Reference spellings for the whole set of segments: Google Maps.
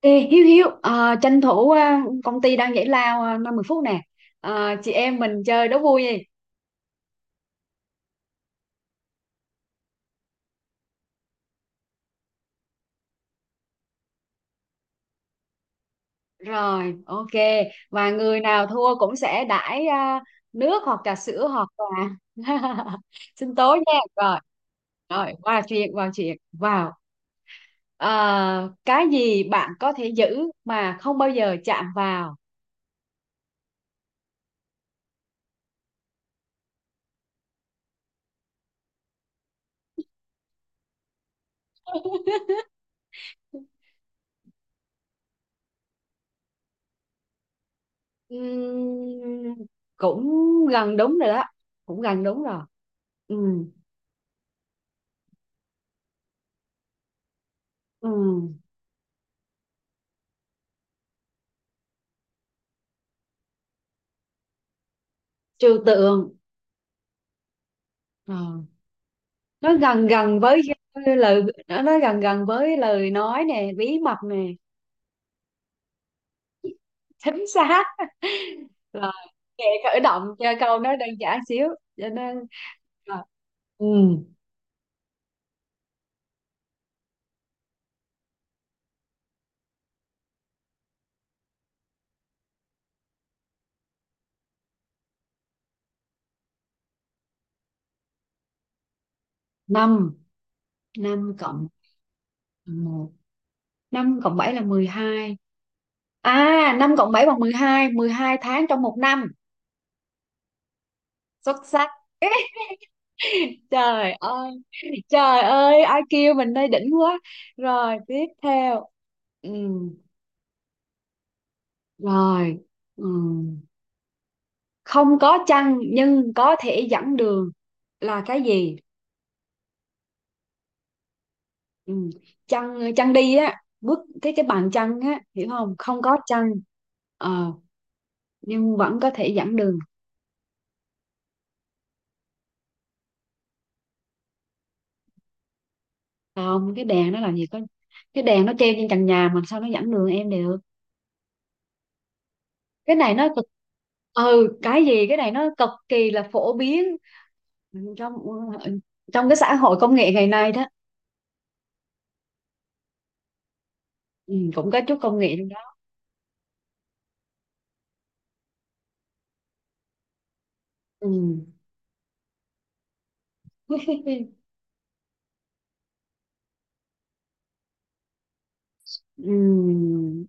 Ê, Hiếu Hiếu à, tranh thủ công ty đang giải lao 5-10 phút nè. Chị em mình chơi đố vui đi. Rồi, ok. Và người nào thua cũng sẽ đãi nước hoặc trà sữa hoặc là sinh tố nha. Rồi rồi, qua chuyện vào. Cái gì bạn có thể giữ mà không bao giờ chạm vào? Ừm, cũng gần đúng rồi đó, cũng gần đúng rồi. Ừm, ừm, trừu tượng. Ờ. Nó gần gần với lời nó gần gần với lời nói nè, bí mật nè. Chính xác. Rồi, kệ, khởi động cho câu nó đơn giản xíu, cho nên là ừ, năm. Năm cộng một, năm cộng bảy là 12. À, năm cộng bảy bằng mười hai, 12 tháng trong một năm. Xuất sắc. Trời ơi, trời ơi, ai kêu mình đây, đỉnh quá. Rồi tiếp theo. ừ, Rồi. Ừ. Không có chăn nhưng có thể dẫn đường là cái gì? Ừ. Chăn, chăn đi á, bước cái bàn chăn á, hiểu không, không có chăn. Ờ, nhưng vẫn có thể dẫn đường. Không, cái đèn nó làm gì có, cái đèn nó treo trên trần nhà mà sao nó dẫn đường em được. Cái này nó cực. Ừ, cái gì, cái này nó cực kỳ là phổ biến trong trong cái xã hội công nghệ ngày nay đó. Ừ, cũng có chút công nghệ trong đó. ừ. ừ.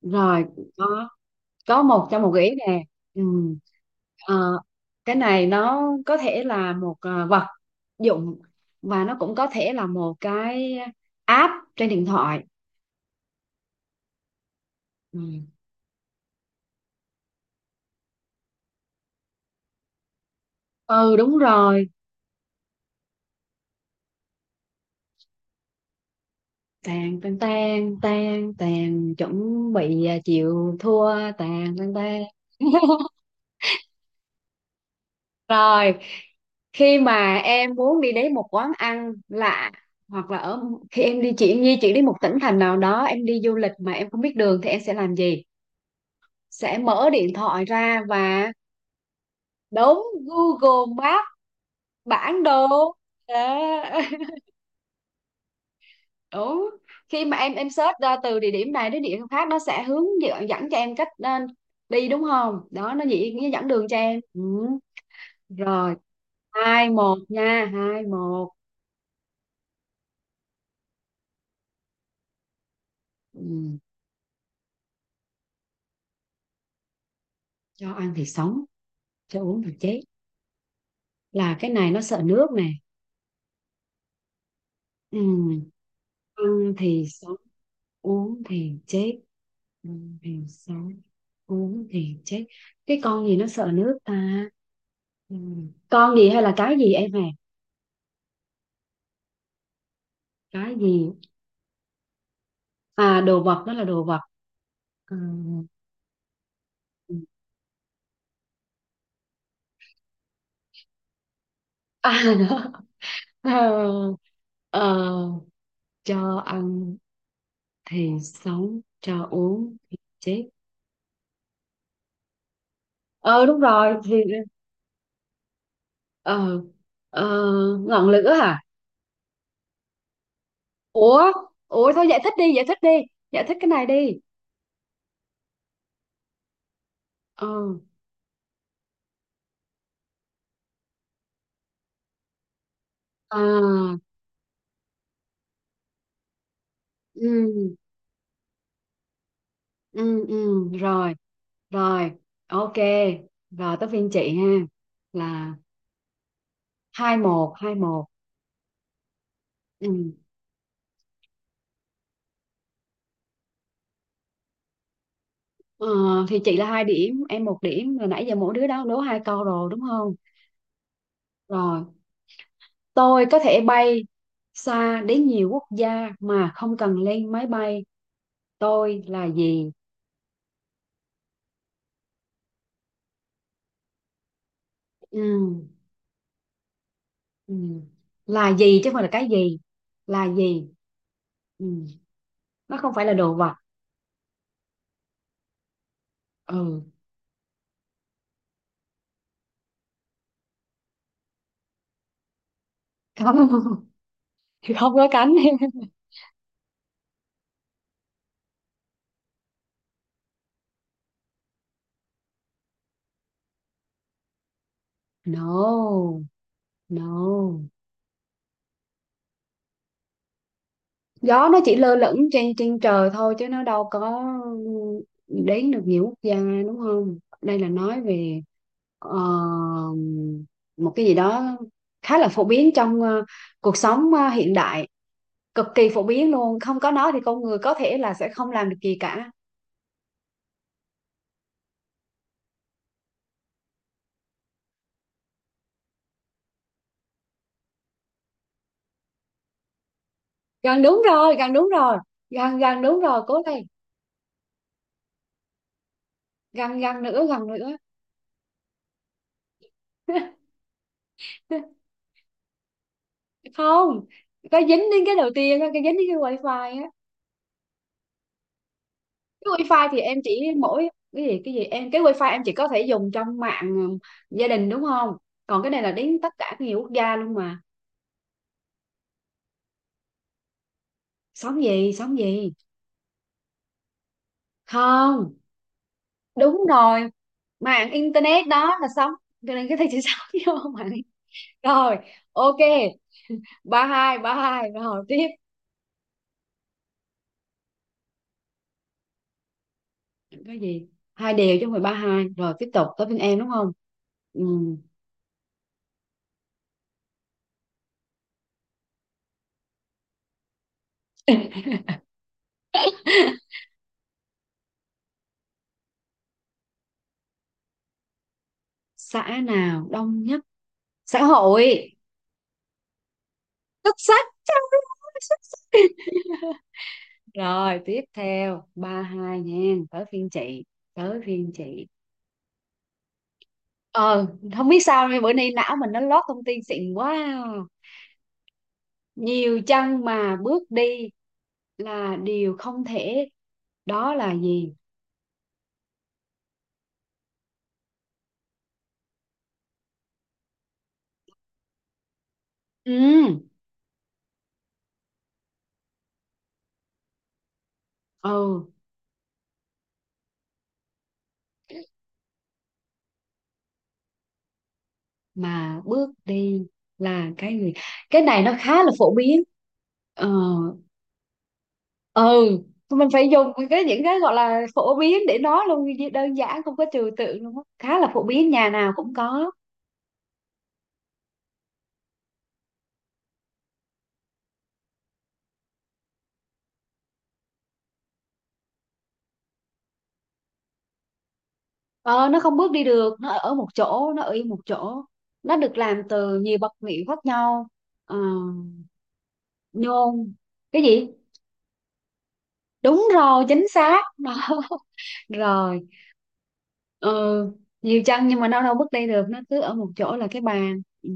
Rồi, có có một gợi ý nè. Ừ. Ờ, cái này nó có thể là một vật dụng, và nó cũng có thể là một cái app trên điện thoại. ừ, ừ đúng rồi. Tàn tàn tàn tàn tàn, chuẩn bị chịu thua. Tàn tàn tàn. Rồi, khi mà em muốn đi đến một quán ăn lạ, hoặc là ở khi em đi, chị di chuyển đến một tỉnh thành nào đó, em đi du lịch mà em không biết đường thì em sẽ làm gì? Sẽ mở điện thoại ra và đóng Google Maps, bản đồ đó. Đúng, khi mà em search ra từ địa điểm này đến địa điểm khác, nó sẽ hướng dẫn, dẫn cho em cách đi đúng không đó, nó chỉ, nó dẫn đường cho em. Ừ. Rồi, 2-1 nha, 2-1. Ừ. Cho ăn thì sống, cho uống thì chết, là cái này nó sợ nước nè. Ừ. Ăn thì sống, uống thì chết, ăn thì sống, uống thì chết. Cái con gì nó sợ nước ta? Ừ. Con gì hay là cái gì em à? Cái gì? À, đồ vật đó, là đồ vật. Ừ. À đó. Ờ, ờ, cho ăn thì sống, cho uống thì chết. Ờ đúng rồi thì ờ ờ, ngọn lửa hả? Ủa, ủa thôi giải thích đi, giải thích đi. Giải thích cái này đi. Ờ. À, ừ, ừ, rồi. Rồi, ok. Rồi tới phiên chị ha. Là hai một, hai một. Ừ. Ờ, thì chị là 2 điểm, em 1 điểm. Rồi nãy giờ mỗi đứa đó đố 2 câu rồi đúng không? Rồi, tôi có thể bay xa đến nhiều quốc gia mà không cần lên máy bay. Tôi là gì? Ừ. Ừ. Là gì chứ không phải là cái gì? Là gì? Ừ. Nó không phải là đồ vật. Ừ. Không, không có cánh. No, no. Gió nó chỉ lơ lửng trên trên trời thôi chứ nó đâu có đến được nhiều quốc gia, đúng không, đây là nói về ờ, một cái gì đó khá là phổ biến trong cuộc sống hiện đại, cực kỳ phổ biến luôn, không có nó thì con người có thể là sẽ không làm được gì cả. Gần đúng rồi, gần đúng rồi, gần gần đúng rồi, cố lên. Gần gần nữa, gần nữa. Không, có dính đến cái đầu tiên á, cái dính đến cái wifi á. Cái wifi thì em chỉ mỗi, cái gì, cái gì em, cái wifi em chỉ có thể dùng trong mạng, ừ, gia đình đúng không, còn cái này là đến tất cả nhiều quốc gia luôn mà. Sóng gì, sóng gì? Không. Đúng rồi, mạng internet đó là sóng, cho nên cái này chỉ sóng, vô mạng. Rồi, ok, ba hai, ba hai rồi tiếp. Cái gì, hai đều chứ không phải 3-2, rồi tiếp tục tới bên em đúng không. Ừ. Xã nào đông nhất? Xã hội. Xuất sắc, trời ơi, xuất sắc. Rồi tiếp theo, 3-2 nha, tới phiên chị, tới phiên chị. Ờ, không biết sao nay, bữa nay não mình nó lót thông tin xịn quá. Nhiều chân mà bước đi là điều không thể, đó là gì? ừ ừ mà bước đi là cái gì, cái này nó khá là phổ biến. ờ ừ, mình phải dùng cái, những cái gọi là phổ biến để nói luôn, đơn giản không có trừu tượng luôn á, khá là phổ biến, nhà nào cũng có. Ờ, nó không bước đi được, nó ở một chỗ, nó ở yên một chỗ. Nó được làm từ nhiều vật liệu khác nhau. Ờ, nhôm, cái gì? Đúng rồi, chính xác. Đó. Rồi, ừ, nhiều chân nhưng mà nó đâu bước đi được, nó cứ ở một chỗ, là cái bàn. Ừ.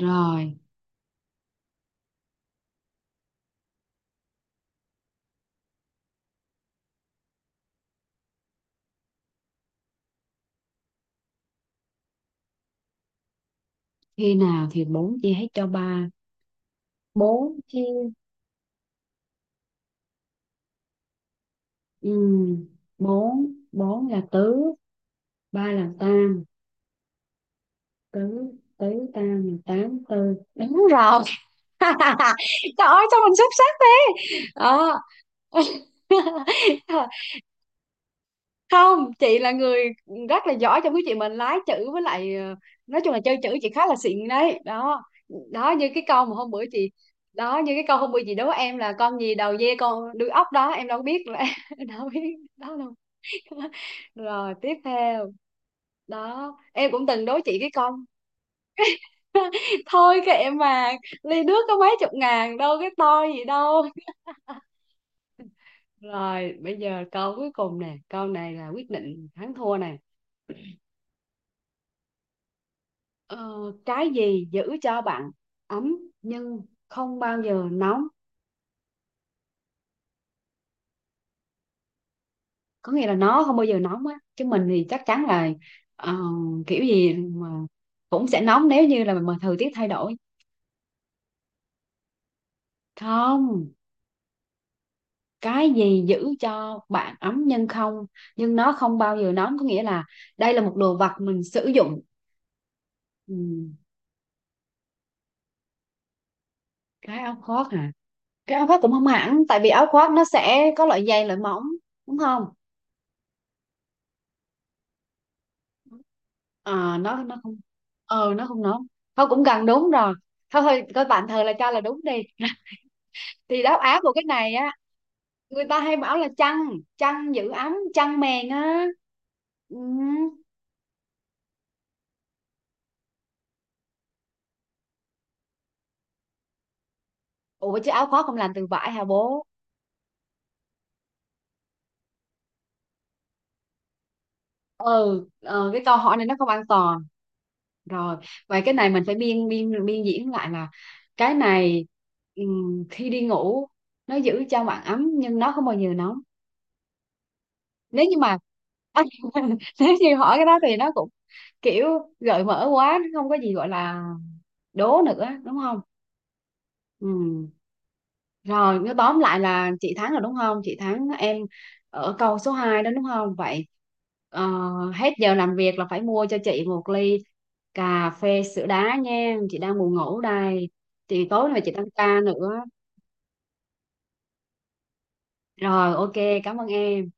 Rồi, khi nào thì bốn chia hết cho ba? Bốn chia, ừ, bốn, bốn là tứ, ba là tam, tứ, tứ tam là tám, tư. Đúng rồi. Trời ơi sao mình xuất sắc thế đó. Không, chị là người rất là giỏi trong cái chuyện mình lái chữ với lại nói chung là chơi chữ, chị khá là xịn đấy đó. Đó như cái câu mà hôm bữa chị Đó, như cái câu hôm bữa chị đố em là con gì đầu dê con đuôi ốc đó, em đâu biết là đâu biết đó đâu. Rồi tiếp theo, đó, em cũng từng đố chị cái con. Thôi kệ mà, ly nước có mấy chục ngàn đâu, cái to gì đâu. Rồi, bây giờ câu cuối cùng nè, câu này là quyết định thắng thua nè. Ờ, cái gì giữ cho bạn ấm nhưng không bao giờ nóng? Có nghĩa là nó không bao giờ nóng á, chứ mình thì chắc chắn là ờ, kiểu gì mà cũng sẽ nóng nếu như là mà thời tiết thay đổi. Không, cái gì giữ cho bạn ấm nhưng không, nhưng nó không bao giờ nóng, có nghĩa là đây là một đồ vật mình sử dụng. Ừ, cái áo khoác hả? Cái áo khoác cũng không hẳn, tại vì áo khoác nó sẽ có loại dày loại mỏng, đúng không. Ờ, nó không, ờ nó không nó thôi cũng gần đúng rồi, thôi thôi coi tạm thời là cho là đúng đi. Thì đáp án của cái này á, người ta hay bảo là chăn, chăn giữ ấm, chăn mền á. Ừ. Ủa chứ áo khoác không làm từ vải hả bố. Ừ ờ, cái câu hỏi này nó không an toàn. Rồi, vậy cái này mình phải biên biên biên diễn lại là, cái này, khi đi ngủ nó giữ cho bạn ấm nhưng nó không bao giờ nóng. Nếu như mà nếu như hỏi cái đó thì nó cũng kiểu gợi mở quá, nó không có gì gọi là đố nữa đúng không. Ừ. Rồi, nếu tóm lại là chị thắng rồi đúng không? Chị thắng em ở câu số 2 đó đúng không? Vậy ờ, hết giờ làm việc là phải mua cho chị một ly cà phê sữa đá nha. Chị đang buồn ngủ đây. Tối nay chị tăng ca nữa. Rồi, ok, cảm ơn em.